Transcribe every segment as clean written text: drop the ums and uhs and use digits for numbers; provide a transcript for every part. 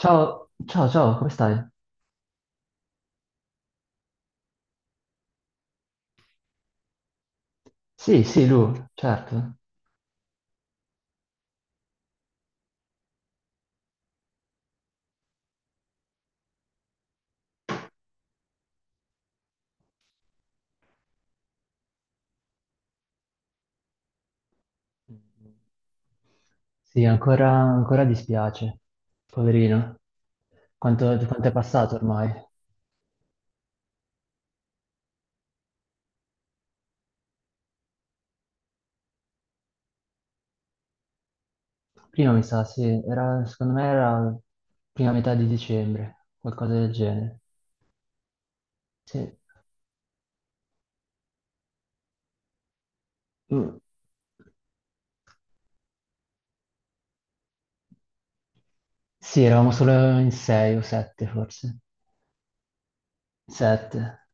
Ciao, ciao, ciao, come stai? Sì, sì, Lu, certo. Sì, ancora dispiace, poverino. Quanto è passato ormai? Prima mi sa, sì, era, secondo me era prima metà di dicembre, qualcosa del genere. Sì. Mm. Sì, eravamo solo in sei o sette forse. Sette.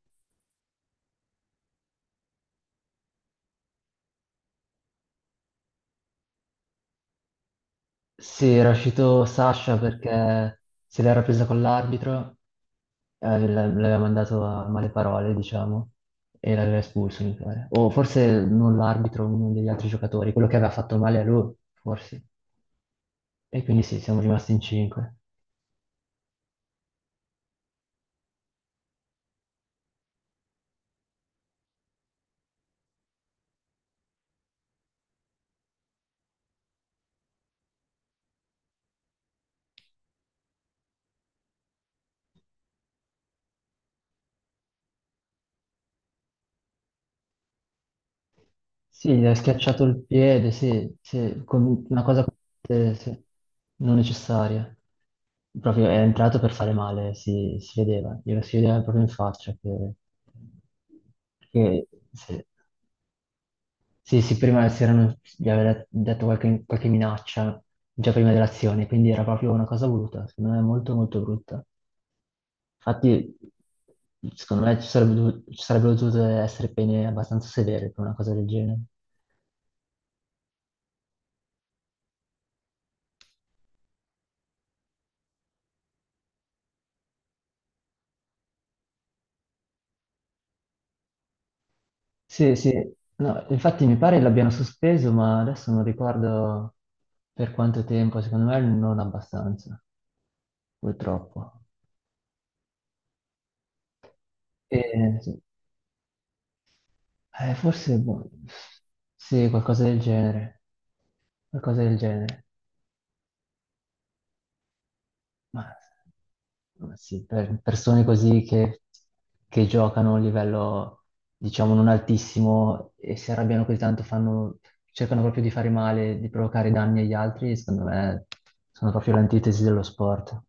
Sì, era uscito Sasha perché se l'era presa con l'arbitro, l'aveva mandato a male parole, diciamo, e l'aveva espulso, mi pare. O forse non l'arbitro, uno degli altri giocatori, quello che aveva fatto male a lui, forse. E quindi sì, siamo rimasti in cinque. Sì, gli ha schiacciato il piede, sì, sì, con una cosa sì, non necessaria. Proprio è entrato per fare male, si vedeva, glielo si vedeva proprio in faccia che sì. Sì, sì, prima gli aveva detto qualche minaccia già prima dell'azione, quindi era proprio una cosa voluta, secondo me molto molto brutta. Infatti, secondo me ci sarebbero dovute essere pene abbastanza severe per una cosa del genere. Sì, sì, no, infatti mi pare l'abbiano sospeso, ma adesso non ricordo per quanto tempo, secondo me non abbastanza, purtroppo. E, sì. Forse, boh, sì, qualcosa del genere, qualcosa del genere. Ma ma sì, per persone così che giocano a un livello, diciamo, non altissimo e si arrabbiano così tanto, cercano proprio di fare male, di provocare danni agli altri, secondo me sono proprio l'antitesi dello sport.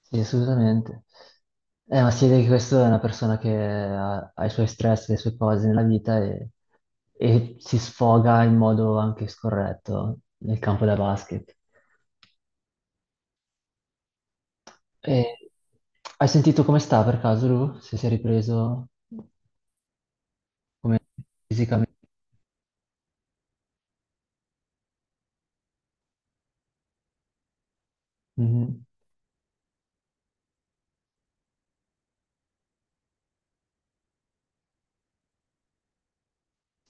Sì, assolutamente. Ma si vede che questa è una persona che ha i suoi stress, le sue cose nella vita e si sfoga in modo anche scorretto nel campo da basket. E- Hai sentito come sta per caso lui? Se si è ripreso come fisicamente? Mhm.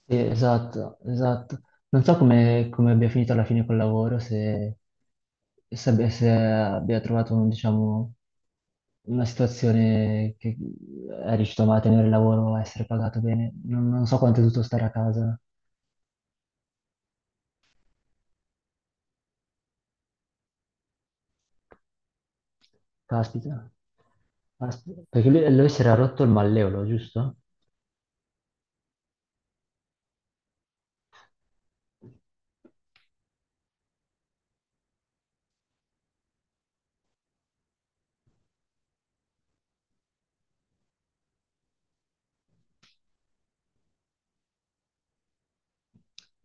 Sì, esatto, esatto. Non so come abbia finito alla fine col lavoro, se abbia trovato, diciamo, una situazione che è riuscito a mantenere il lavoro, a essere pagato bene. Non so quanto è dovuto stare a casa. Caspita. Caspita. Perché lui si era rotto il malleolo, giusto?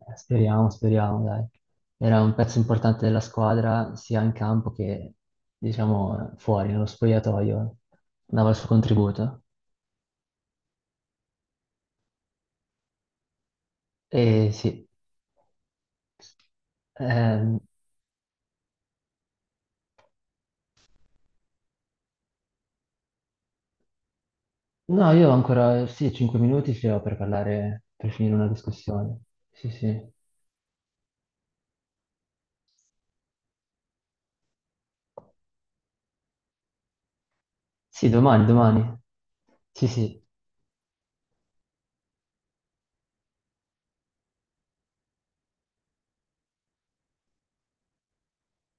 Speriamo, speriamo, dai. Era un pezzo importante della squadra, sia in campo che, diciamo, fuori, nello spogliatoio. Dava il suo contributo. E sì. Ehm, no, io ho ancora, sì, 5 minuti ce l'ho per parlare, per finire una discussione. Sì, sì. Sì, domani, domani. Sì, sì.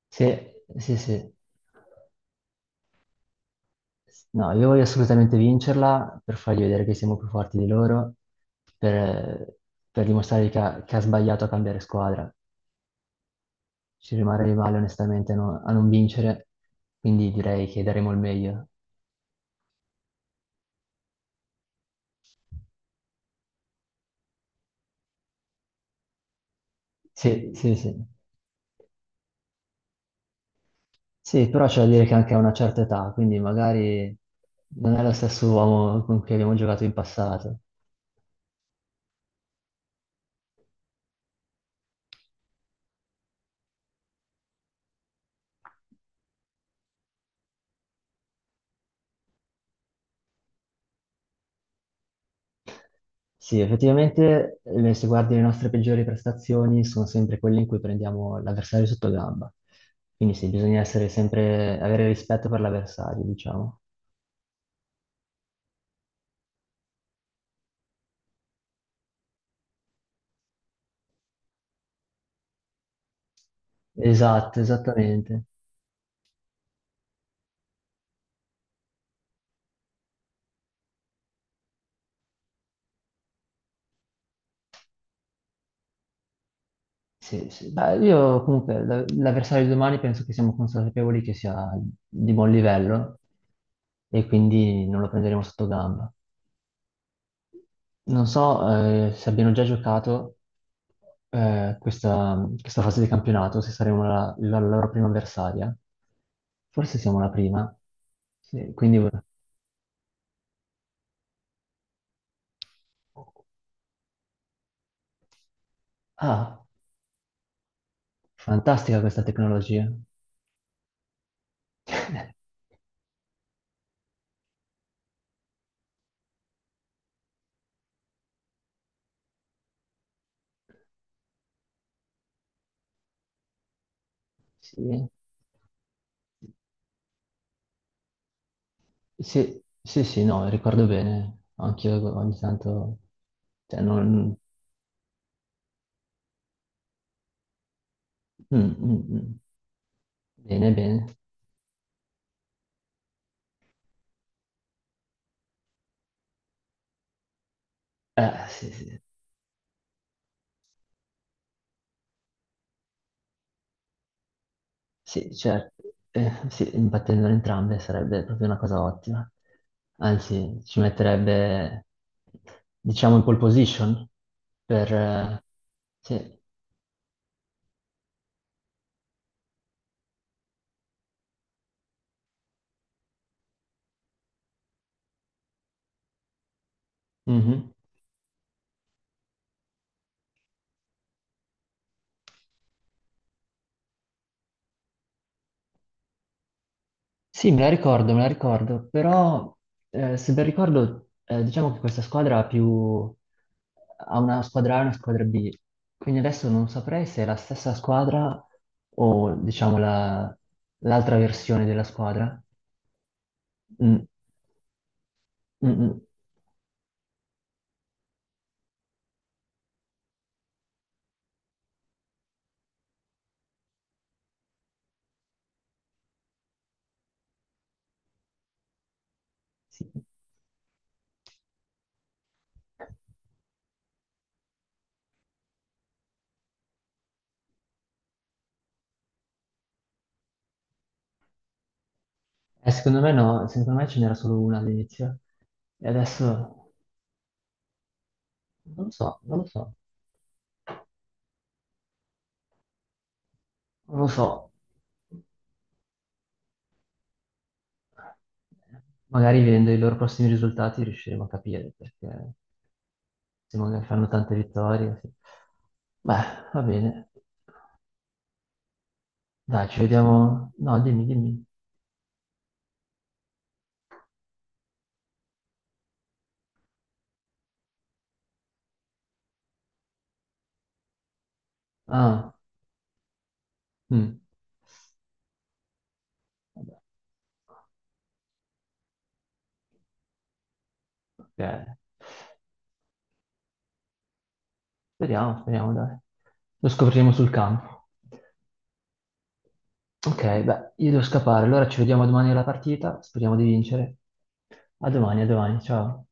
Sì, sì, sì. No, io voglio assolutamente vincerla per fargli vedere che siamo più forti di loro, per, per dimostrare che ha sbagliato a cambiare squadra. Ci rimarrei male onestamente a non vincere, quindi direi che daremo il meglio. Sì, sì, sì. Sì, però c'è da dire che anche a una certa età, quindi magari non è lo stesso uomo con cui abbiamo giocato in passato. Sì, effettivamente, se guardi le nostre peggiori prestazioni, sono sempre quelle in cui prendiamo l'avversario sotto gamba. Quindi sì, bisogna essere sempre, avere rispetto per l'avversario, diciamo. Esatto, esattamente. Sì, sì. Beh, io comunque l'avversario di domani penso che siamo consapevoli che sia di buon livello e quindi non lo prenderemo sotto gamba. Non so, se abbiano già giocato questa fase di campionato, se saremo la loro prima avversaria. Forse siamo la prima. Sì, quindi. Ah, fantastica questa tecnologia. Sì, sì, sì, sì, no, ricordo bene. Anch'io ogni tanto. Cioè, non. Mm, mm, mm. Bene, bene. Sì, sì. Sì, certo, sì, imbattendole entrambe sarebbe proprio una cosa ottima. Anzi, ci metterebbe, diciamo, in pole position. Eh, sì, mhm. Sì, me la ricordo, però se ben ricordo, diciamo che questa squadra ha una squadra A e una squadra B, quindi adesso non saprei se è la stessa squadra o, diciamo, l'altra versione della squadra. Mm, mm, mm. Sì. Secondo me no, secondo me ce n'era solo una all'inizio. E adesso non lo so, non lo so, non lo so. Magari vedendo i loro prossimi risultati riusciremo a capire perché se magari fanno tante vittorie. Sì. Beh, va bene. Dai, ci vediamo. No, dimmi, dimmi. Ah, mm, vabbè, ok. Speriamo, speriamo, dai. Lo scopriremo sul campo. Ok, beh, io devo scappare, allora ci vediamo domani alla partita, speriamo di vincere. A domani, ciao.